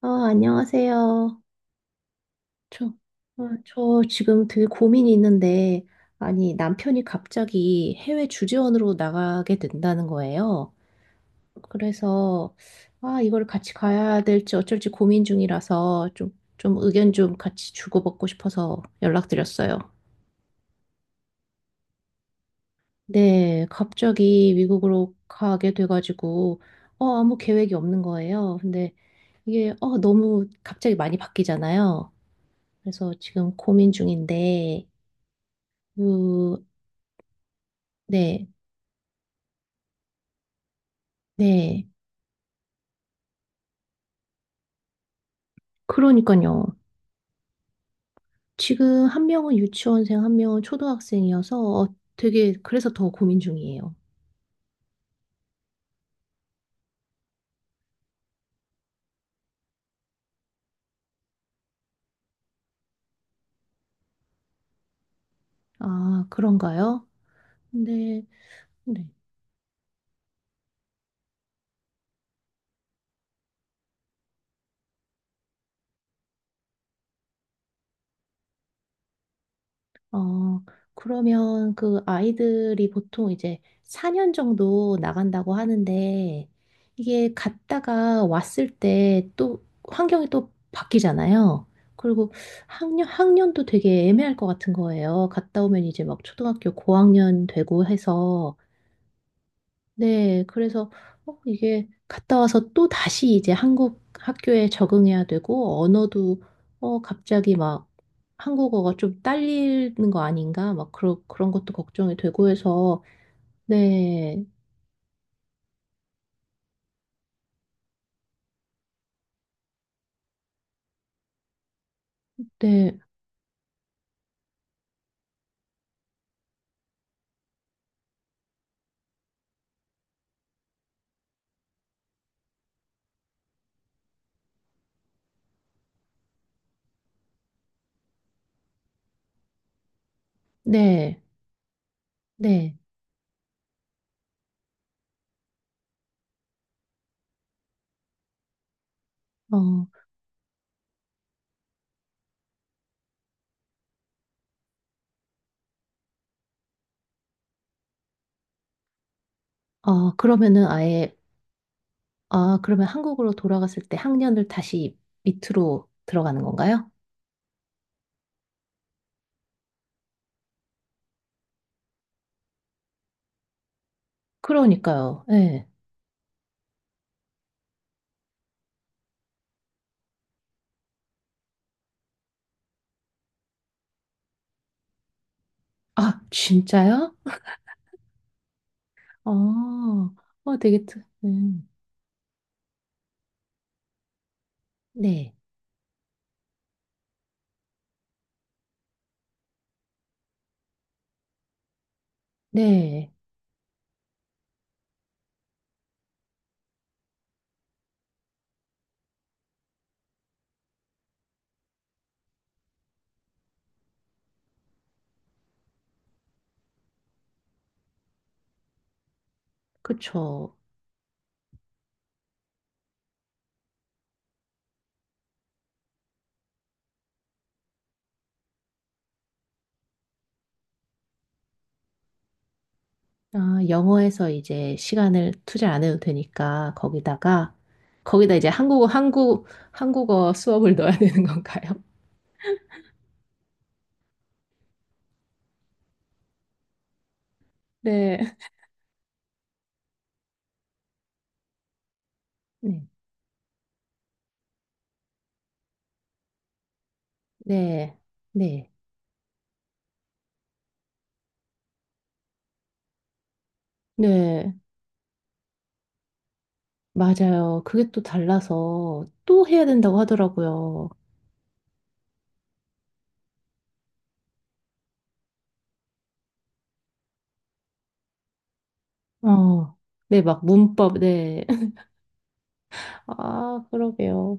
아, 안녕하세요. 저, 아, 저 지금 되게 고민이 있는데, 아니, 남편이 갑자기 해외 주재원으로 나가게 된다는 거예요. 그래서, 아, 이걸 같이 가야 될지 어쩔지 고민 중이라서 좀 의견 좀 같이 주고받고 싶어서 연락드렸어요. 네, 갑자기 미국으로 가게 돼가지고, 어, 아무 계획이 없는 거예요. 근데 이게, 어, 너무 갑자기 많이 바뀌잖아요. 그래서 지금 고민 중인데, 그, 네, 네. 그러니까요. 지금 한 명은 유치원생, 한 명은 초등학생이어서 어, 되게, 그래서 더 고민 중이에요. 아, 그런가요? 네, 네. 어, 그러면 그 아이들이 보통 이제 4년 정도 나간다고 하는데 이게 갔다가 왔을 때 또 환경이 또 바뀌잖아요. 그리고 학년도 되게 애매할 것 같은 거예요. 갔다 오면 이제 막 초등학교 고학년 되고 해서 네, 그래서 어, 이게 갔다 와서 또 다시 이제 한국 학교에 적응해야 되고 언어도 어, 갑자기 막 한국어가 좀 딸리는 거 아닌가 막 그런 것도 걱정이 되고 해서 네, 네, 네, 네. 어, 아 그러면은 아예 아 그러면 한국으로 돌아갔을 때 학년을 다시 밑으로 들어가는 건가요? 그러니까요. 네. 아 진짜요? 어, 어 되게 특, 네. 네, 그쵸. 아, 영어에서 이제 시간을 투자 안 해도 되니까 거기다가 거기다 이제 한국어 수업을 넣어야 되는 건가요? 네. 네, 네, 네, 네, 맞아요. 그게 또 달라서 또 해야 된다고 하더라고요. 어, 네, 막 문법, 네. 아, 그러게요.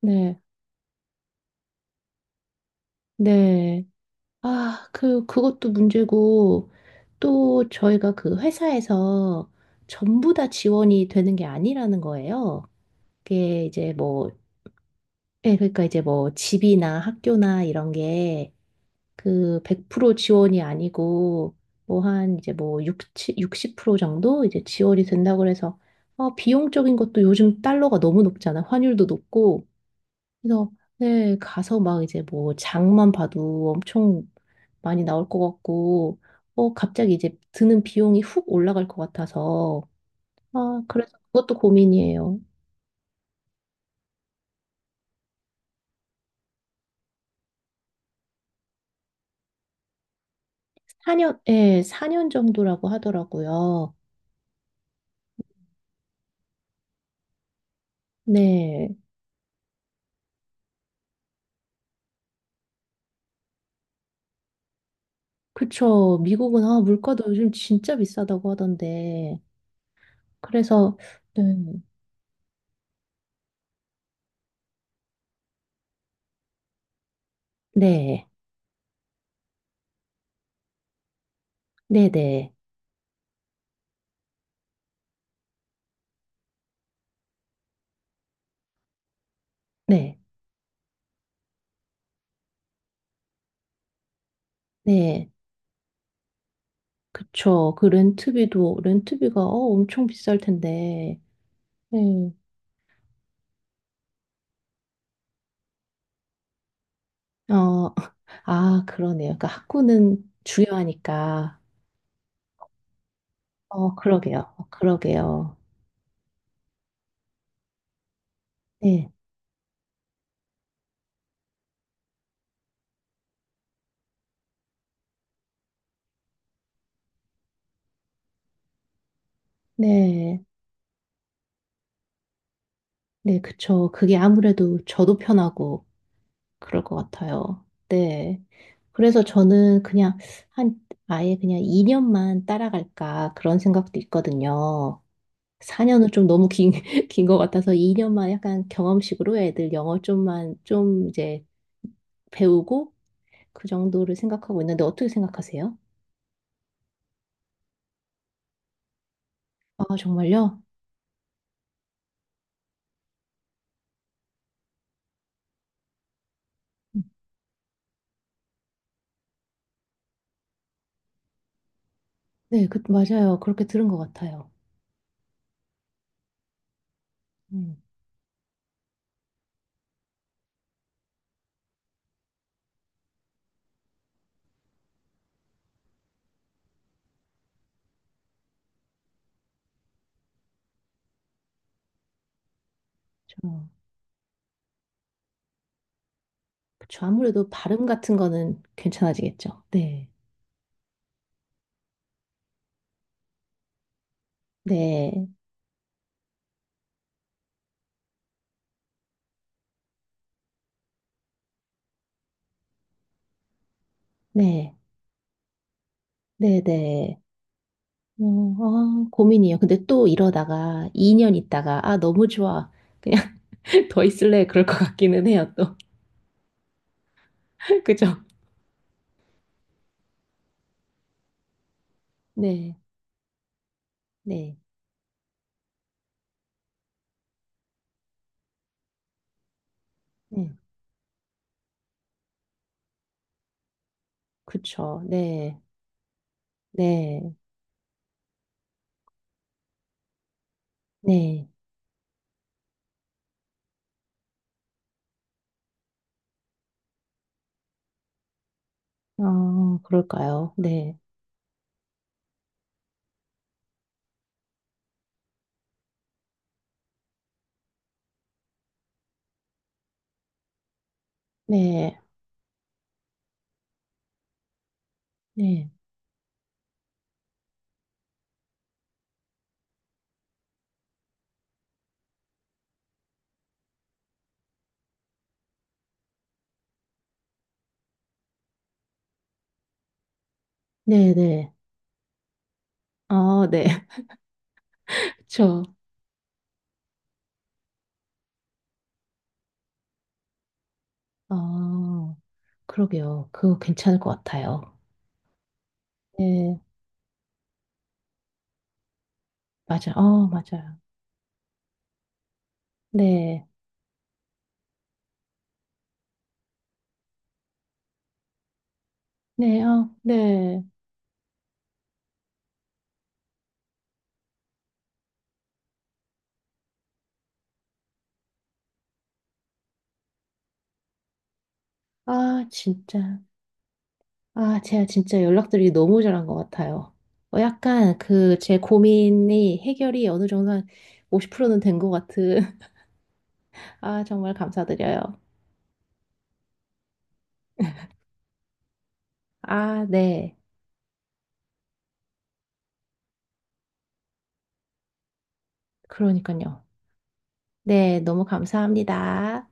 네, 네. 아, 그, 그것도 문제고, 또 저희가 그 회사에서 전부 다 지원이 되는 게 아니라는 거예요. 그게 이제 뭐, 예, 그러니까 이제 뭐 집이나 학교나 이런 게 그 100% 지원이 아니고 뭐 한 이제 뭐 60, 정도 이제 지원이 된다고 그래서 어, 비용적인 것도 요즘 달러가 너무 높잖아. 환율도 높고. 그래서 네, 가서 막 이제 뭐 장만 봐도 엄청 많이 나올 것 같고, 어, 갑자기 이제 드는 비용이 훅 올라갈 것 같아서, 아, 그래서 그것도 고민이에요. 4년, 예, 사 년 정도라고 하더라고요. 네. 그쵸. 미국은, 아, 물가도 요즘 진짜 비싸다고 하던데. 그래서, 음, 네, 네, 네, 네, 네. 그쵸. 그 렌트비가, 어, 엄청 비쌀 텐데. 네. 어, 아, 그러네요. 그러니까 학구는 중요하니까. 어, 그러게요. 어, 그러게요. 네, 네, 네, 그쵸. 그게 아무래도 저도 편하고 그럴 것 같아요. 네. 그래서 저는 그냥 한, 아예 그냥 2년만 따라갈까 그런 생각도 있거든요. 4년은 좀 너무 긴, 긴 것 같아서 2년만 약간 경험식으로 애들 영어 좀만 좀 이제 배우고 그 정도를 생각하고 있는데 어떻게 생각하세요? 아, 정말요? 음. 네, 그, 맞아요. 그렇게 들은 것 같아요. 음, 저, 그쵸. 아무래도 발음 같은 거는 괜찮아지겠죠. 네. 네. 네. 네. 네. 어, 아, 고민이에요. 근데 또 이러다가 2년 있다가, 아, 너무 좋아. 그냥 더 있을래. 그럴 것 같기는 해요, 또. 그죠? 네. 네. 네. 그쵸. 네. 네. 네. 아, 그럴까요? 네. 네. 네. 네. 네. 아, 네. 그쵸. 아, 그러게요. 그거 괜찮을 것 같아요. 네. 맞아. 어, 맞아요. 네, 네, 아, 네. 아, 진짜. 아, 제가 진짜 연락드리기 너무 잘한 것 같아요. 어, 약간 그 제 고민이 해결이 어느 정도 한 50%는 된 것 같은. 아, 정말 감사드려요. 아, 네. 그러니까요. 네, 너무 감사합니다.